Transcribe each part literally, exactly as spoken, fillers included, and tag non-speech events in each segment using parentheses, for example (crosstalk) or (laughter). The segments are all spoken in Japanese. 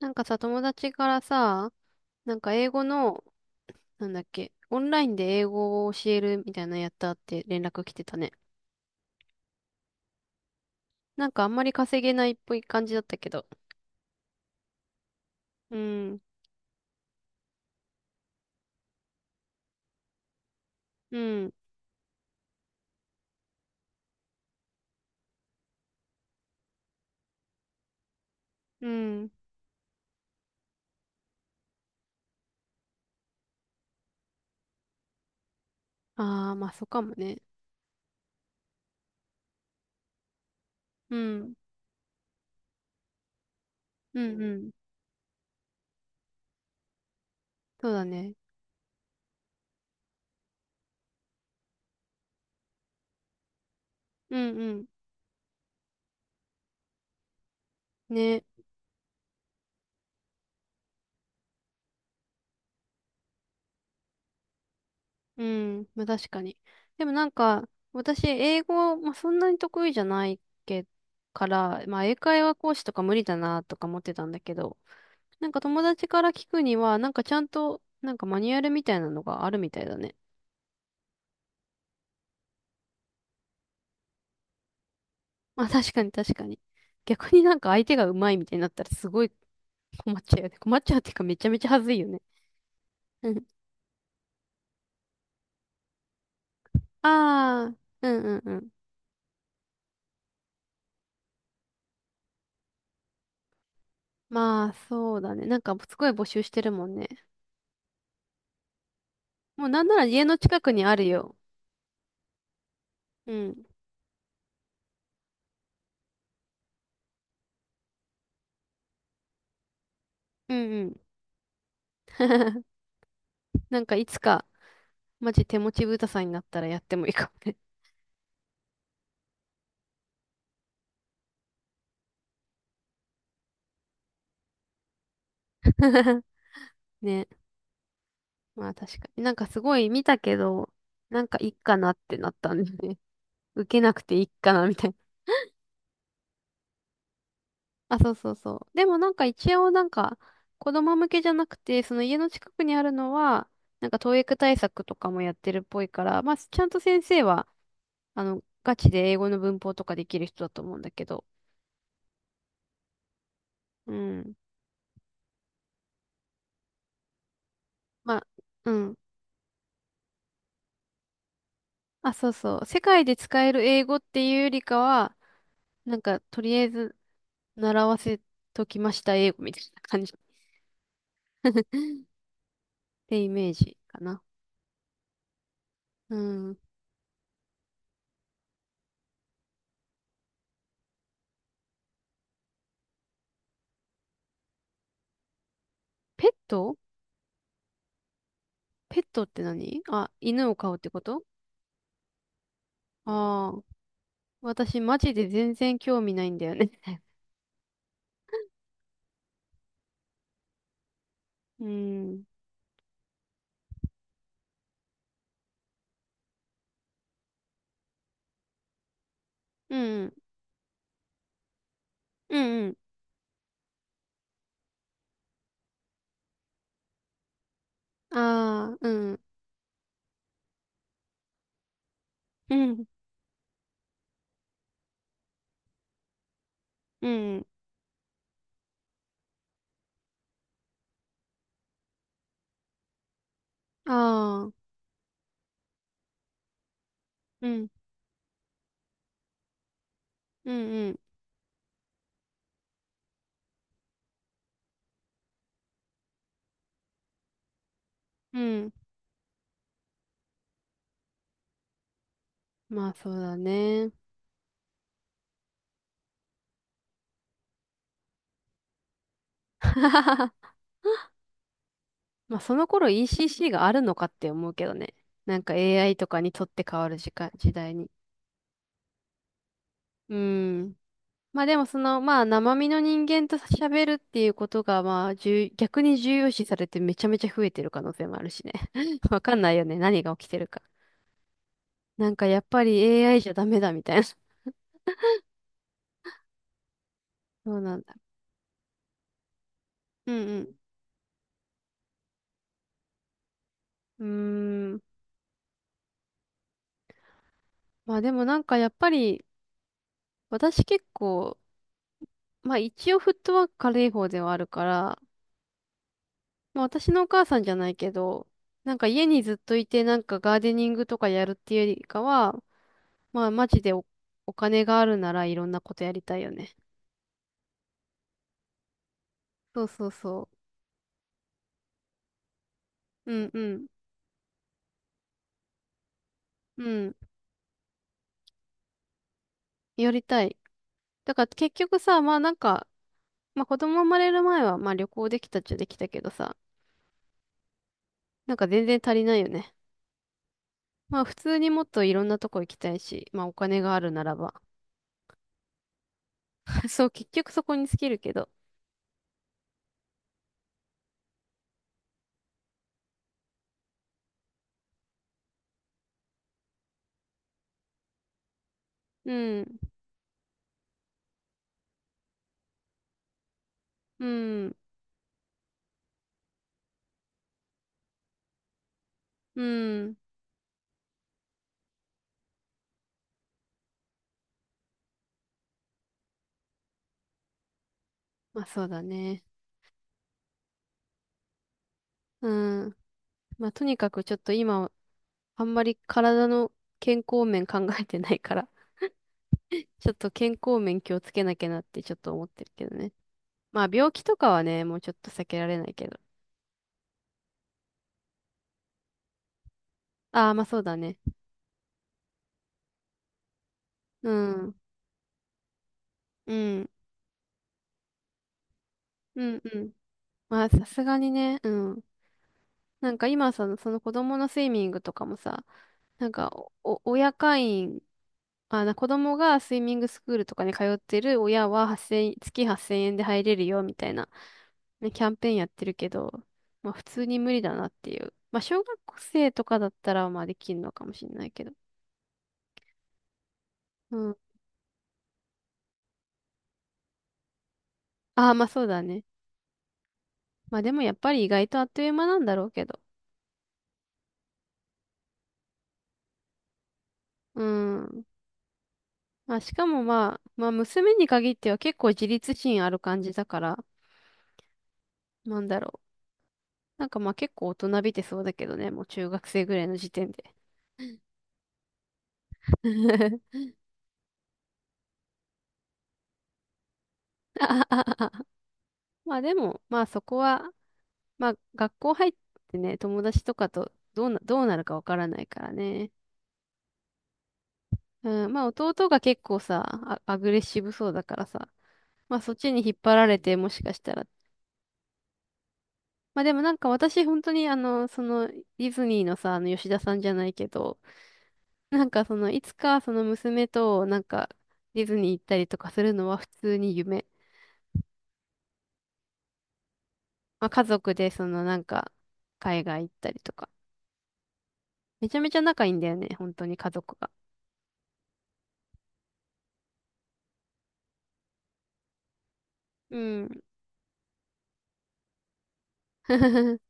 なんかさ、友達からさ、なんか英語の、なんだっけ、オンラインで英語を教えるみたいなのやったって連絡来てたね。なんかあんまり稼げないっぽい感じだったけど。うん、うん、うん。ああ、まあそうかもね。うん、うん、うん。そうだね。うん、うん。ね。うん、まあ確かに。でもなんか、私、英語、まあそんなに得意じゃないけから、まあ英会話講師とか無理だなとか思ってたんだけど、なんか友達から聞くには、なんかちゃんと、なんかマニュアルみたいなのがあるみたいだね。(laughs) まあ確かに確かに。逆になんか相手が上手いみたいになったらすごい困っちゃうよね。困っちゃうっていうかめちゃめちゃ恥ずいよね。うん。ああ、うんうんうん。まあそうだね。なんかすごい募集してるもんね。もうなんなら家の近くにあるよ。うん。うんうん。(laughs) なんかいつか、マジ手持ち豚さんになったらやってもいいかもね。(laughs) ね。まあ確かに。なんかすごい見たけど、なんかいいかなってなったんでね。(laughs) 受けなくていいかなみたいな。(laughs) あ、そうそうそう。でもなんか一応なんか子供向けじゃなくて、その家の近くにあるのは、なんか教育対策とかもやってるっぽいから、まあちゃんと先生は、あの、ガチで英語の文法とかできる人だと思うんだけど。うん。まあ、うん。あ、そうそう。世界で使える英語っていうよりかは、なんかとりあえず習わせときました英語みたいな感じ。(laughs) ってイメージかな。うん。ペットペットって何あ、犬を飼うってこと？ああー、私マジで全然興味ないんだよね。(laughs) うん。うん。うんうん。ああ、うん。うん。うん。ああ、うん。うんうん。うん。まあそうだね。(laughs) まあその頃 イーシーシー があるのかって思うけどね。なんか エーアイ とかにとって変わる時間、時代に。うん。まあでもその、まあ生身の人間と喋るっていうことが、まあ重逆に重要視されてめちゃめちゃ増えてる可能性もあるしね。(laughs) わかんないよね。何が起きてるか。なんかやっぱり エーアイ じゃダメだみたいな。そうなんだ。うんうん。うーん。まあでもなんかやっぱり、私結構、まあ一応フットワーク軽い方ではあるから、まあ私のお母さんじゃないけど、なんか家にずっといてなんかガーデニングとかやるっていうよりかは、まあ、マジでお、お金があるならいろんなことやりたいよね。そうそうそう。うんうん。うん。やりたい。だから結局さ、まあなんか、まあ子供生まれる前は、まあ旅行できたっちゃできたけどさ、なんか全然足りないよね。まあ普通にもっといろんなとこ行きたいし、まあお金があるならば。(laughs) そう、結局そこに尽きるけど。うん。うん。うん。まあそうだね。うん。まあとにかくちょっと今、あんまり体の健康面考えてないからちょっと健康面気をつけなきゃなってちょっと思ってるけどね。まあ病気とかはね、もうちょっと避けられないけど。ああ、まあそうだね。うん。うん。うん。うん。まあさすがにね、うん。なんか今その、その子供のスイミングとかもさ、なんかお、お親会員、あ、な子供がスイミングスクールとかに通ってる親は8 0 0月はっせんえんで入れるよみたいな、ね、キャンペーンやってるけど、まあ普通に無理だなっていう。まあ小学生とかだったらまあできるのかもしれないけど。うああ、まあそうだね。まあでもやっぱり意外とあっという間なんだろうけど。うん。まあしかもまあ、まあ娘に限っては結構自立心ある感じだから、なんだろう。なんかまあ結構大人びてそうだけどね、もう中学生ぐらいの時点で。(laughs) まあでも、まあそこは、まあ学校入ってね、友達とかとどうな、どうなるかわからないからね。うん、まあ弟が結構さ、あアグレッシブそうだからさ、まあそっちに引っ張られてもしかしたらまあでもなんか私本当にあの、そのディズニーのさ、あの吉田さんじゃないけど、(laughs) なんかそのいつかその娘となんかディズニー行ったりとかするのは普通に夢。まあ家族でそのなんか海外行ったりとか。めちゃめちゃ仲いいんだよね、本当に家族が。うん。(laughs)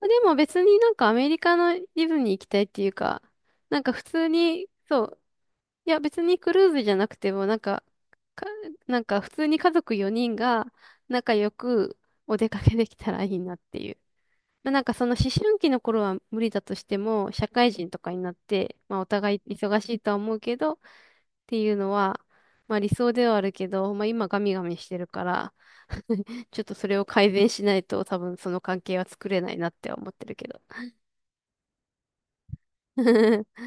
でも別になんかアメリカのディズニー行きたいっていうか、なんか普通に、そう、いや、別にクルーズじゃなくても、なんか、か、なんか普通に家族よにんが仲良くお出かけできたらいいなっていう。まあ、なんかその思春期の頃は無理だとしても、社会人とかになって、まあお互い忙しいとは思うけど、っていうのは、まあ理想ではあるけど、まあ今ガミガミしてるから (laughs) ちょっとそれを改善しないと多分その関係は作れないなって思ってるけど。(laughs)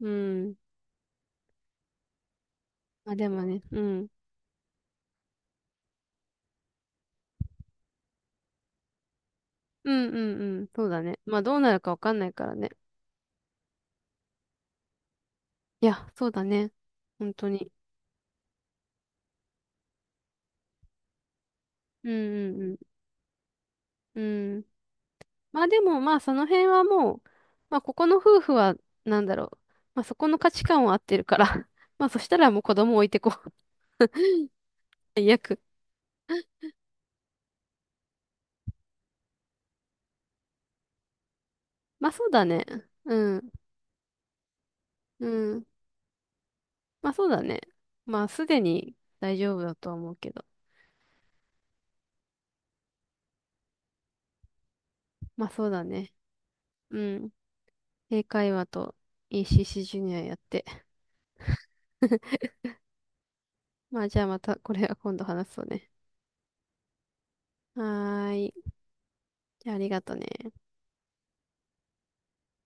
うん。(laughs) まあでもね、うん。うんうんうん。そうだね。まあどうなるかわかんないからね。いや、そうだね。本当に。うんうんうん。うん。まあでもまあその辺はもう、まあここの夫婦はなんだろう。まあそこの価値観を合ってるから。(laughs) まあそしたらもう子供置いてこう。(laughs) 最悪。まあそうだね。うん。うん。まあそうだね。まあすでに大丈夫だとは思うけど。まあそうだね。うん。英会話と イーシーシー ジュニアやって。(laughs) まあじゃあまたこれは今度話そうね。はーい。じゃあ、ありがとね。